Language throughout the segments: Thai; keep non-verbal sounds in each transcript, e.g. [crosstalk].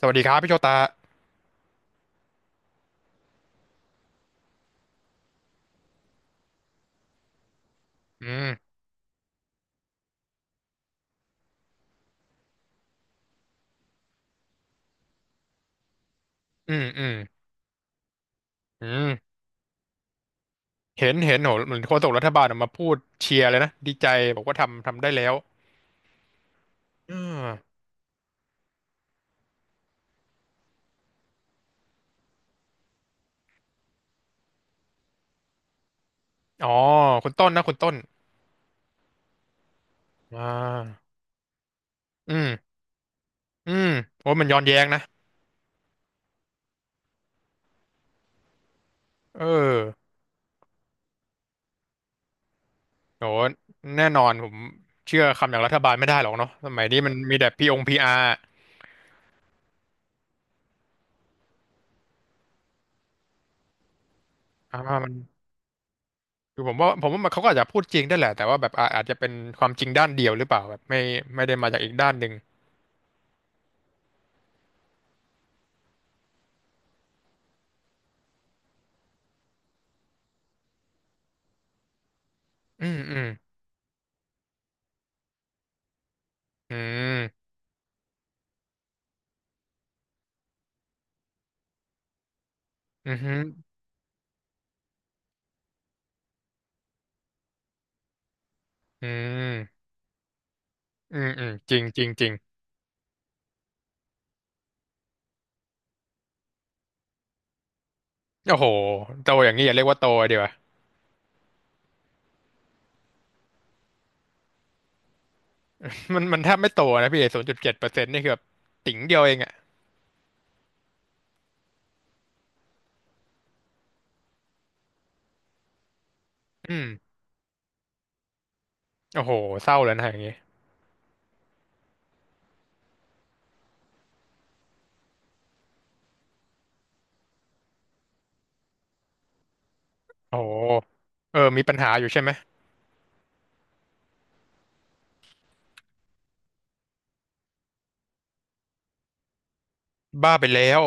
สวัสดีครับพี่โชตาอืมอืมอืมอืมเห็นเห็นโหเหมือนโฆษกรัฐบาลออกมาพูดเชียร์เลยนะ ดีใจ บอกว่าทำทำได้แล้วอ่าอ๋อ คุณต้นนะคุณต้นอ่าอืม อืมโอ้มันย้อนแย้งนะเออโห แน่นอนผมเชื่อคำอย่างรัฐบาลไม่ได้หรอกเนาะสมัยนี้มันมีแต่พีองพีอาร์อ่ามันคือผมว่าผมว่ามันเขาก็อาจจะพูดจริงได้แหละ แต่ว่าแบบอาอาจจะเป็นความจริงด้านเดียวหรือเปล่าแบบไม่ไม่ได้มาจากอีกด้านหนึ่งอืมอืมอืมอือฮึ อืมอืมอืมจริงจริงจริงโอ้โหโตอย่างนี้อย่าเรียกว่าโตดีกว่า [laughs] มันมันแทบไม่โตนะพี่ศูนย์จุดเจ็ดเปอร์เซ็นต์นี่คือแบบติ๋งเดียวเองอ่ะอืมโอ้โหเศร้าแล้วนะอย่างงี้โอ้โหเออมีปัญหาอยู่ใช่ไหม บ้าไปแล้ว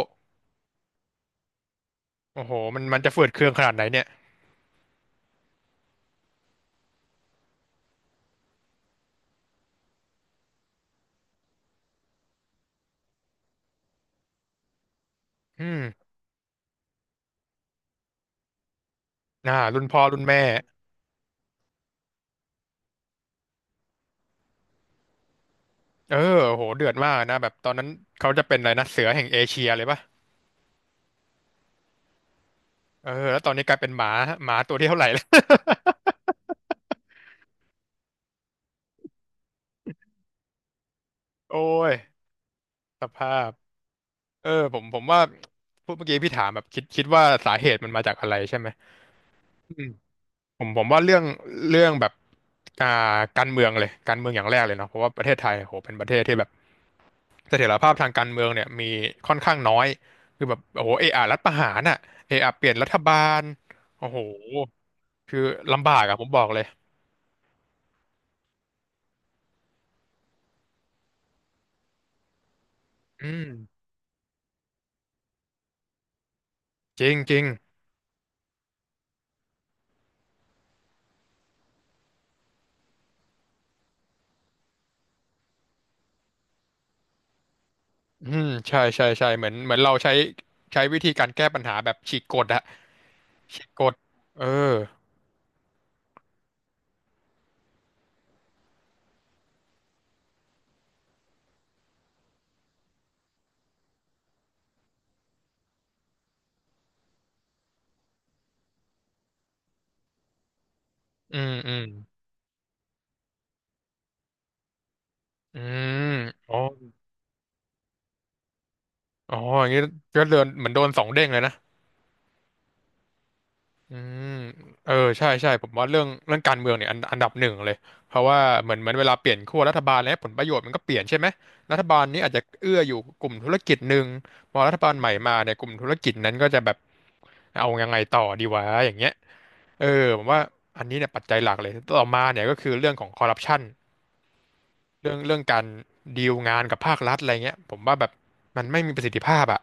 โอ้โหมันมันจะเฟื่อเคืองขนาดไหนเนี่ยอืมน่ารุ่นพ่อรุ่นแม่เออโอ้โหเดือดมากนะแบบตอนนั้นเขาจะเป็นอะไรนะเสือแห่งเอเชียเลยป่ะเออแล้วตอนนี้กลายเป็นหมาหมาตัวที่เท่าไหร่แล้ว [laughs] โอ้ยสภาพ เออผมผมว่าพูดเมื่อกี้พี่ถามแบบคิดคิดว่าสาเหตุมันมาจากอะไรใช่ไหมอืมผมผมว่าเรื่องเรื่องแบบอ่าการเมืองเลยการเมืองอย่างแรกเลยเนาะเพราะว่าประเทศไทยโหเป็นประเทศที่แบบเสถียรภาพทางการเมืองเนี่ยมีค่อนข้างน้อยคือแบบโอ้โหเออารัฐประหารอ่ะเออาเปลี่ยนรัฐบาลโอ้โหคือลำบากอะผมบอกเลยอืมจริงจริงอืมใช่ใช่ใช่เหมือนเหมือนเราใช้ใช้วิธีการแก้ปัญหาแบบฉีกกฎอะฉีกกฎเอออืมอืม อืมอ๋ออ๋ออย่างนี้ก็เดินเหมือนโดนสองเด้งเลยนะอืมเออใช่ใช่ผมว่าเรื่องเรื่องการเมืองเนี่ยอันอันดับหนึ่งเลยเพราะว่าเหมือนเหมือนเวลาเปลี่ยนขั้วรัฐบาลแล้วผลประโยชน์มันก็เปลี่ยนใช่ไหมรัฐบาลนี้อาจจะเอื้ออยู่กลุ่มธุรกิจหนึ่งพอรัฐบาลใหม่มาเนี่ยกลุ่มธุรกิจนั้นก็จะแบบเอายังไงต่อดีวะอย่างเงี้ยเออผมว่าอันนี้เนี่ยปัจจัยหลักเลยต่อมาเนี่ยก็คือเรื่องของคอร์รัปชันเรื่องเรื่องการดีลงานกับภาครัฐอะไรเงี้ยผมว่าแบบมันไม่มีประสิทธิภาพอะ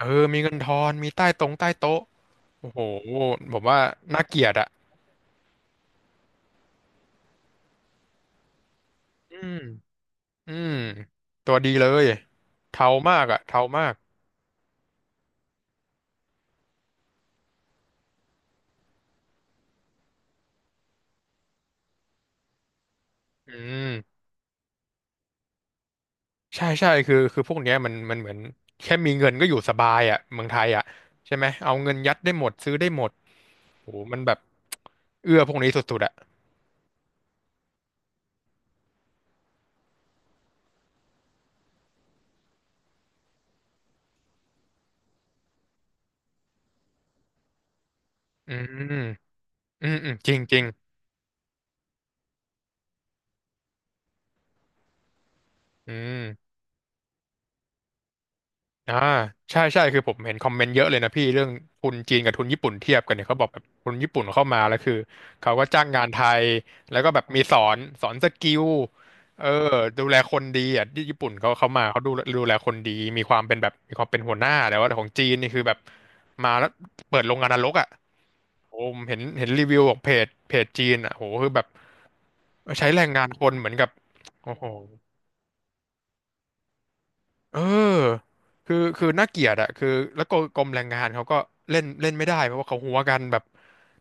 เออ มีเงินทอน มีใต้ตรงใต้โต๊ะ โอ้โหผมว่าน่าเกลียดอะอืมอืมตัวดีเลย เทามากอะเทามากอืมใช่ใช่คือคือพวกเนี้ยมันมันเหมือนแค่มีเงินก็อยู่สบายอะเมืองไทยอะใช่ไหม เอาเงินยัดได้หมดซื้อได้หมดโอ้โหมันแบบเอื้อพวกนี้สุดๆอะอืมจริงจริงอืม อ่าใช่ใช่คือผมเห็นคอมเมนต์เยอะเลยนะพี่เรื่องทุนจีนกับทุนญี่ปุ่นเทียบกันเนี่ยเขาบอกแบบทุนญี่ปุ่นเข้ามาแล้วคือเขาก็จ้างงานไทยแล้วก็แบบมีสอนสอนสกิลเออดูแลคนดีอ่ะที่ญี่ปุ่นเขาเขามาเขาดูดูแลคนดีมีความเป็นแบบมีความเป็นหัวหน้าแต่ว่าของจีนนี่คือแบบมาแล้วเปิดโรงงานนรกอ่ะโอ้ผมเห็นเห็นรีวิวของเพจเพจจีนอ่ะโหคือแบบใช้แรงงานคนเหมือนกับโอ้โห เออคือคือน่าเกลียดอะคือแล้วก็กรมแรงงานเขาก็เล่นเล่นไม่ได้เพราะว่าเขาหัวกันแบบ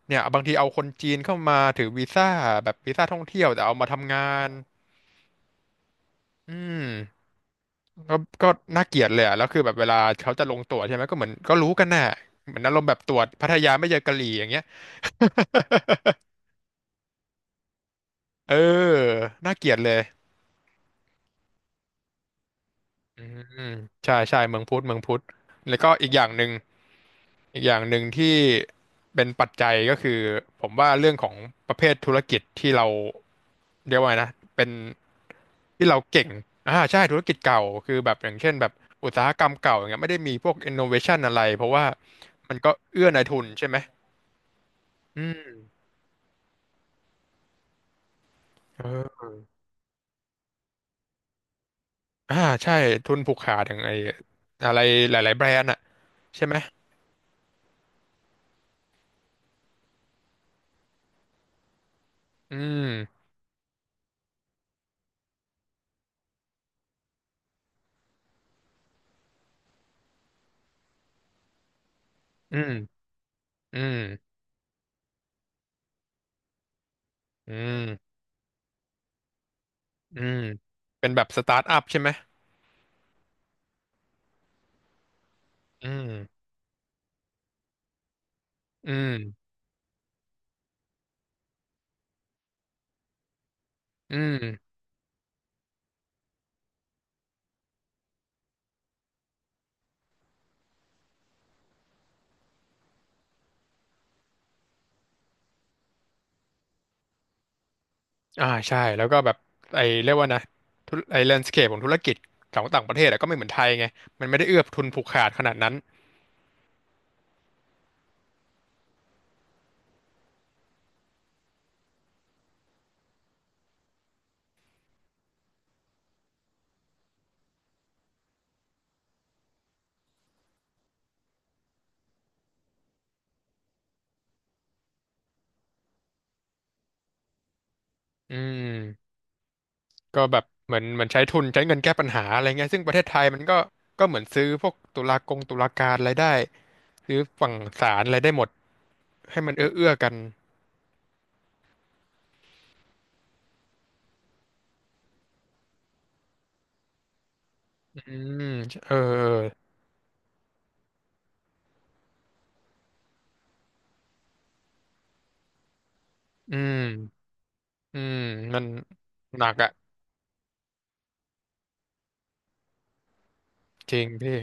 เนี่ยบางทีเอาคนจีนเข้ามาถือวีซ่าแบบวีซ่าท่องเที่ยวแต่เอามาทำงานอืมก็ก็น่าเกลียดเลยอะแล้วคือแบบเวลาเขาจะลงตรวจใช่ไหมก็เหมือนก็รู้กันน่ะเหมือนอารมณ์แบบตรวจพัทยาไม่เจอกะหรี่อย่างเงี้ย [laughs] เออน่าเกลียดเลยอืมใช่ใช่เมืองพุทธเมืองพุทธแล้วก็อีกอย่างหนึ่ง อีกอย่างหนึ่งที่เป็นปัจจัยก็คือผมว่าเรื่องของประเภทธุรกิจที่เราเรียกว่าไงนะเป็นที่เราเก่งใช่ธุรกิจเก่าคือแบบอย่างเช่นแบบอุตสาหกรรมเก่าอย่างเงี้ยไม่ได้มีพวก innovation อะไรเพราะว่ามันก็เอื้อนายทุนใช่ไหมอืมเอออ่าใช่ทุนผูกขาดอย่างไออะไรหลายๆแบรนด์อะใช่ไหมอืมอืมอืมอืมอืมเป็นแบบสตาร์ทอัพใช่ไหมอืมอืมอืม ใช่แล้วก็แบบไอ้เรียกว่านะธุรไอ้แลนด์สเคปของธุรกิจของต่างประเทศอะก็ไม่เหมือนไทยไงมันไม่ได้เอื้อทุนผูกขาดขนาดนั้นอืมก็แบบเหมือนเหมือนใช้ทุนใช้เงินแก้ปัญหาอะไรเงี้ยซึ่งประเทศไทยมันก็ก็เหมือนซื้อพวกตุลากงตุลาการอะไรได้ซื้อฝั่งศาลอะไรได้หมดให้มันเอื้อเอื้อกันอืมเออเอออืมอืมมันหนักอะจริงพี่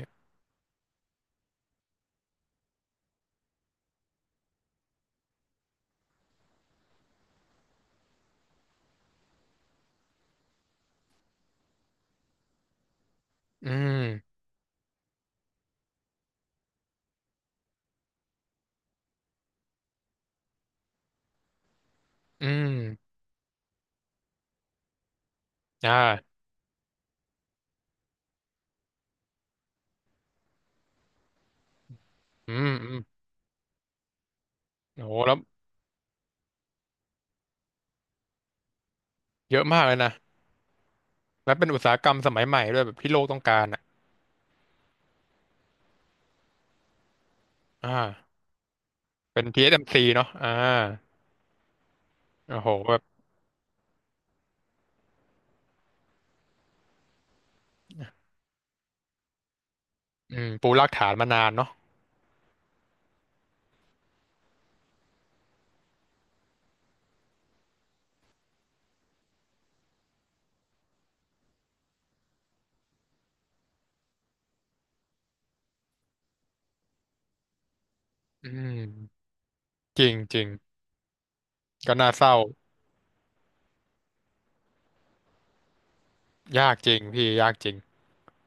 อืมอืมอ่าอืมอืมโอ้โหแล้วเยอะมากเลยนะ และเป็นอุตสาหกรรมสมัยใหม่ด้วยแบบที่โลกต้องการอ่ะอ่าเป็น TSMC เอสเอ็มซีเนาะโอ้โหแบบปูรากฐานมานานเนาะอืมจริงจริงก็น่าเศร้ายากจริงพี่ยากจริง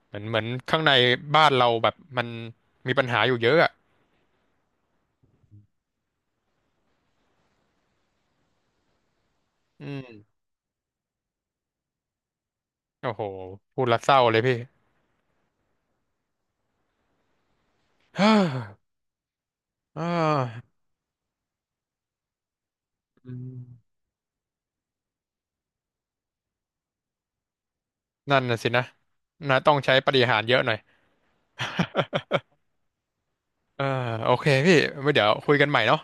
เหมือนเหมือนข้างในบ้านเราแบบมันมีปัญหาอยู่เยอะอ่ะอืมโอ้โหพูดและเศร้าเลยพี่ [sighs] ฮ่าอ่าอืมนั่นน่ะสินะนะต้องใช้ปาฏิหาริย์เยอะหน่อย [laughs] เออโอเคพี่ไว้เดี๋ยวคุยกันใหม่เนาะ